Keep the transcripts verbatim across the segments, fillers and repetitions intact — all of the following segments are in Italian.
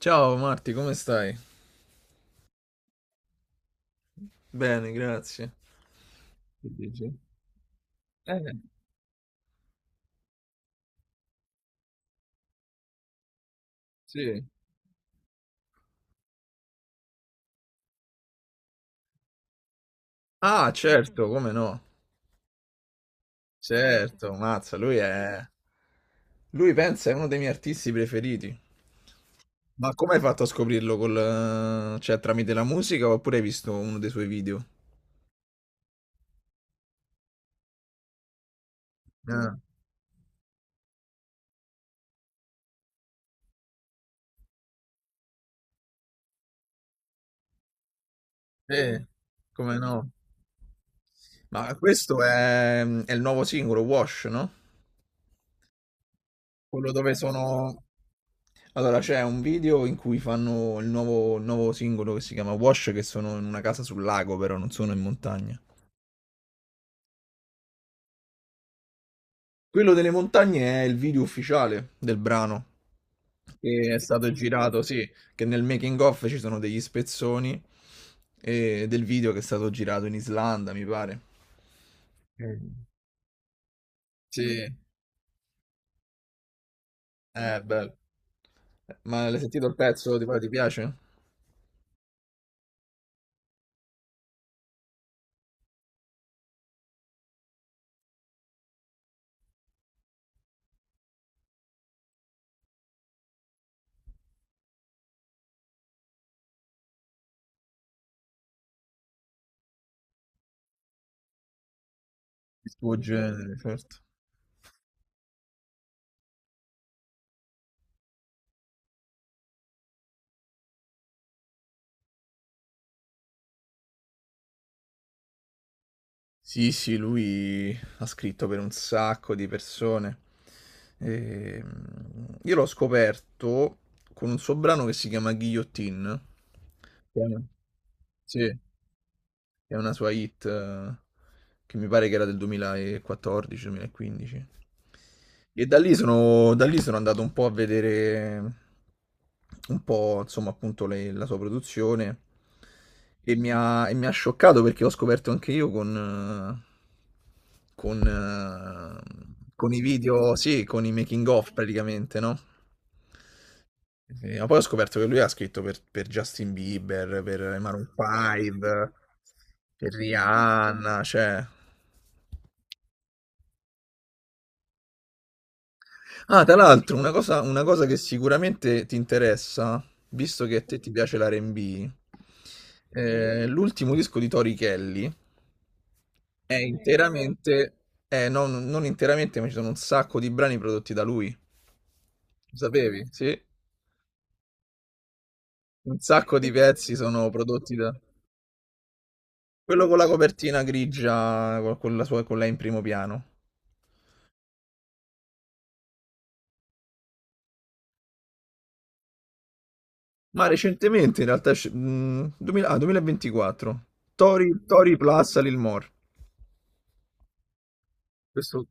Ciao Marti, come stai? Bene, grazie. Che dici? Eh, sì. Ah, certo, come no? Certo, mazza, lui è... Lui pensa è uno dei miei artisti preferiti. Ma come hai fatto a scoprirlo col... eh, cioè tramite la musica oppure hai visto uno dei suoi video? Ah, sì, come no? Ma questo è, è, il nuovo singolo, Wash, no? Quello dove sono... Allora, c'è un video in cui fanno il nuovo, il nuovo singolo che si chiama Wash, che sono in una casa sul lago, però non sono in montagna. Quello delle montagne è il video ufficiale del brano, che è stato girato, sì, che nel making of ci sono degli spezzoni eh, del video che è stato girato in Islanda, mi pare. Mm. Sì, è bello. Ma l'hai sentito il pezzo? Ti, ti piace? Il tuo genere, certo. Sì, sì, lui ha scritto per un sacco di persone. E, mm, io l'ho scoperto con un suo brano che si chiama Guillotine. Chiama- Sì. È una sua hit eh, che mi pare che era del duemilaquattordici-duemilaquindici. E da lì sono, da lì sono andato un po' a vedere un po', insomma, appunto le- la sua produzione, e mi ha, e mi ha scioccato perché ho scoperto anche io con, eh, con, eh, con i video, sì, con i making of praticamente, no? Sì, ma poi ho scoperto che lui ha scritto per, per, Justin Bieber, per i Maroon cinque, per Rihanna, cioè... Ah, tra l'altro, una cosa, una cosa che sicuramente ti interessa, visto che a te ti piace l'R e B. Eh, l'ultimo disco di Tori Kelly è interamente... eh, No, non, non interamente, ma ci sono un sacco di brani prodotti da lui. Lo sapevi? Sì? Un sacco di pezzi sono prodotti da... Quello con la copertina grigia, con, con la sua, con lei in primo piano. Ma recentemente, in realtà, esce- mh, duemila, ah, duemilaventiquattro. Tori, Tori Plus Lil Mor. Questo...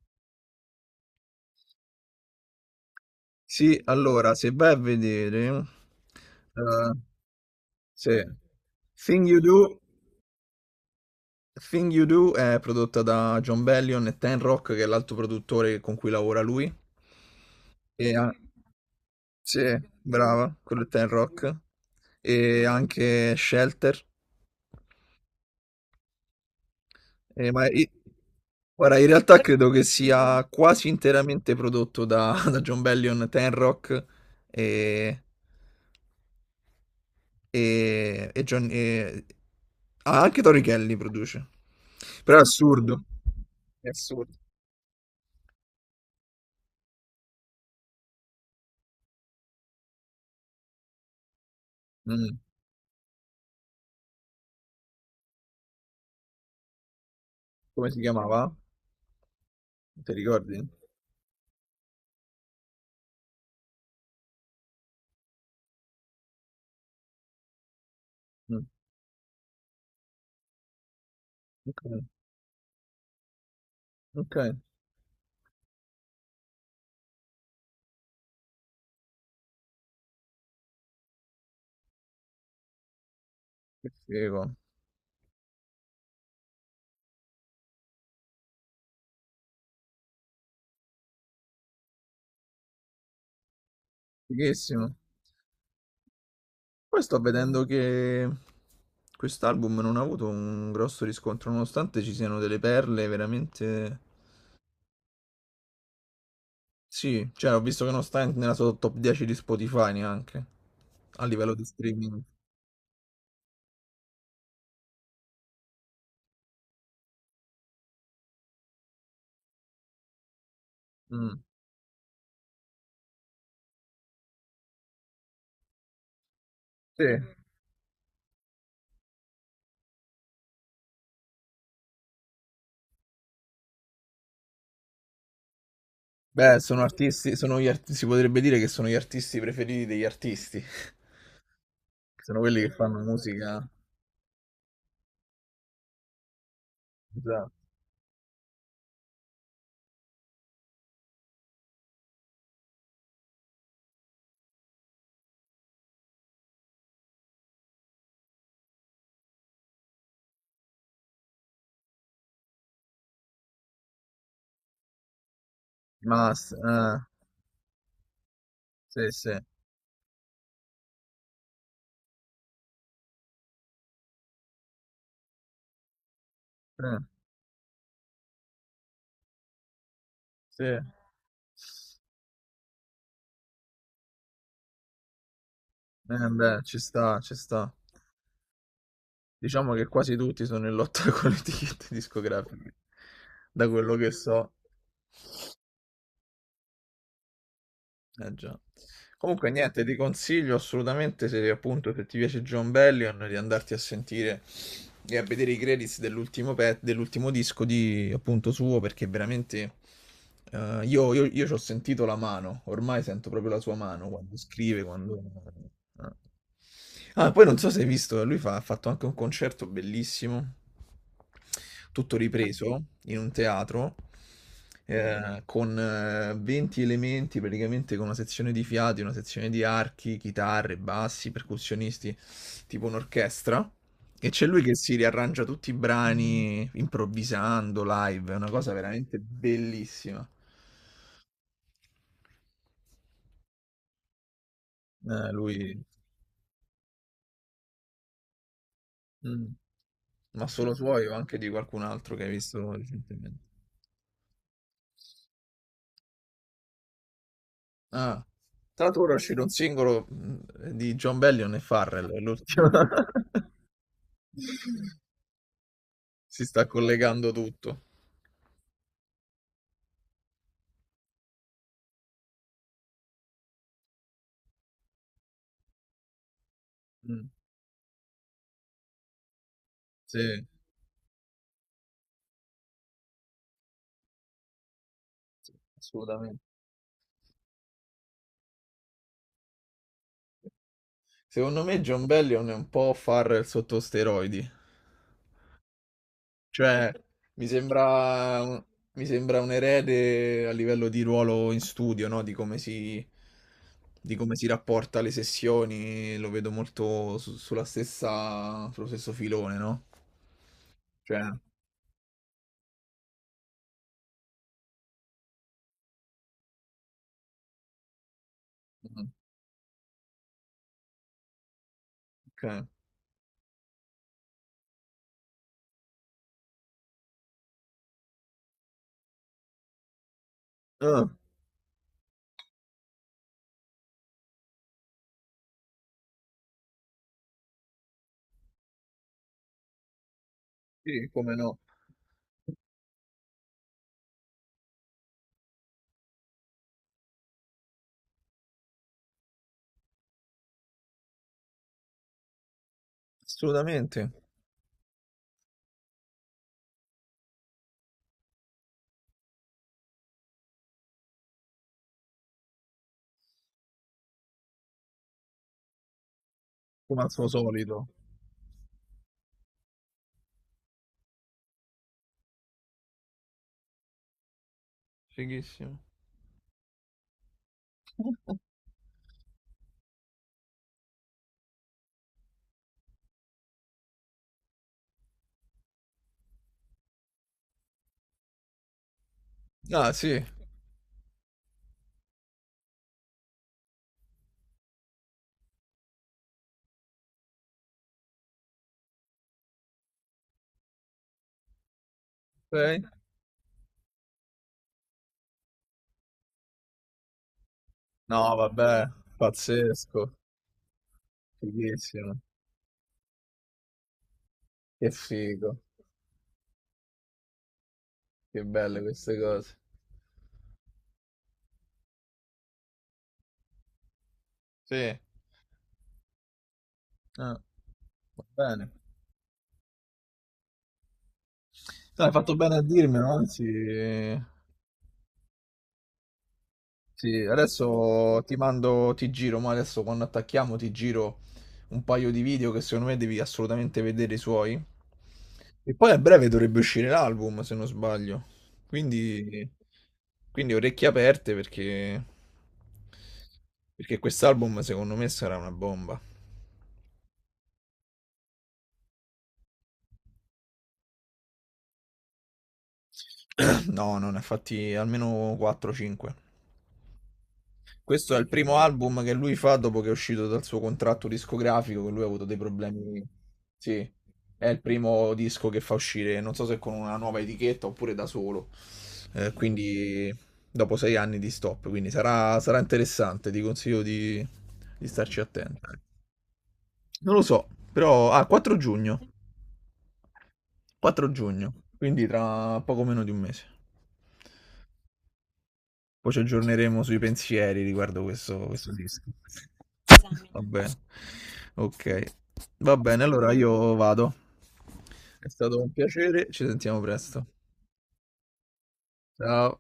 Sì, allora, se vai a vedere... eh, sì. Thing You Do... Thing You Do è prodotta da John Bellion e Ten Rock, che è l'altro produttore con cui lavora lui. E, ha- sì, brava, quello è Ten Rock. E anche Shelter. Eh, ma i- guarda, in realtà credo che sia quasi interamente prodotto da, da John Bellion, Tenrock e, e, e John- e- ah, anche Tori Kelly produce. Però è assurdo. È assurdo. Mm. Come si chiamava? Non ti ricordi? Mm. Ok, ok. Che figo. Fighissimo. Poi sto vedendo che quest'album non ha avuto un grosso riscontro, nonostante ci siano delle perle veramente... Sì, cioè ho visto che non sta nella sua top dieci di Spotify neanche, a livello di streaming. Mm. Sì. Beh, sono artisti, sono gli arti- si potrebbe dire che sono gli artisti preferiti degli artisti, sono quelli che fanno musica, esatto. Master, eh, sì, sì, eh, sì. Eh, beh, ci sta, ci sta. Diciamo che quasi tutti sono in lotta con le etichette discografiche, da quello che so. Eh già. Comunque niente, ti consiglio assolutamente se appunto se ti piace John Bellion di andarti a sentire e a vedere i credits dell'ultimo pe- dell'ultimo disco di appunto suo perché veramente eh, io, io, io ci ho sentito la mano, ormai sento proprio la sua mano quando scrive, quando... eh. Ah, poi non so se hai visto, lui fa- ha fatto anche un concerto bellissimo, tutto ripreso in un teatro, eh, con eh, venti elementi, praticamente con una sezione di fiati, una sezione di archi, chitarre, bassi, percussionisti, tipo un'orchestra. E c'è lui che si riarrangia tutti i brani improvvisando live, è una cosa veramente bellissima. Eh, lui. Mm. Ma solo suoi o anche di qualcun altro che hai visto recentemente? Ah, tra l'altro ora è uscito un singolo mh, di John Bellion e Farrell, è l'ultimo. Si sta collegando tutto. Mm, sì, sì, assolutamente. Secondo me John Bellion è un po' Farrell sotto steroidi. Cioè, mi sembra un, mi sembra un, erede a livello di ruolo in studio, no? Di come si, di come si, rapporta alle sessioni, lo vedo molto su- sulla stessa, sullo stesso filone, no? Cioè, mm, ok. Ah, sì, come no? Assolutamente, come al suo solito. Fighissimo. Ah, sì, ok. No, vabbè, pazzesco, fighissimo. Che figo, che belle queste cose. Sì. Ah, va bene. No, hai fatto bene a dirmelo, anzi, sì, adesso ti mando, ti giro, ma adesso quando attacchiamo ti giro un paio di video che secondo me devi assolutamente vedere i suoi. E poi a breve dovrebbe uscire l'album, se non sbaglio. Quindi, quindi, orecchie aperte perché, perché quest'album secondo me sarà una bomba. No, non ne ha fatti almeno quattro cinque. Questo è il primo album che lui fa dopo che è uscito dal suo contratto discografico, che lui ha avuto dei problemi. Sì, è il primo disco che fa uscire, non so se con una nuova etichetta oppure da solo. Eh, quindi dopo sei anni di stop, quindi sarà, sarà, interessante, ti consiglio di, di starci attento. Non lo so, però... Ah, quattro giugno. quattro giugno, quindi tra poco meno di un mese. Poi ci aggiorneremo sui pensieri riguardo questo, questo, disco. Va bene. Ok. Va bene, allora io vado. È stato un piacere, ci sentiamo presto. Ciao.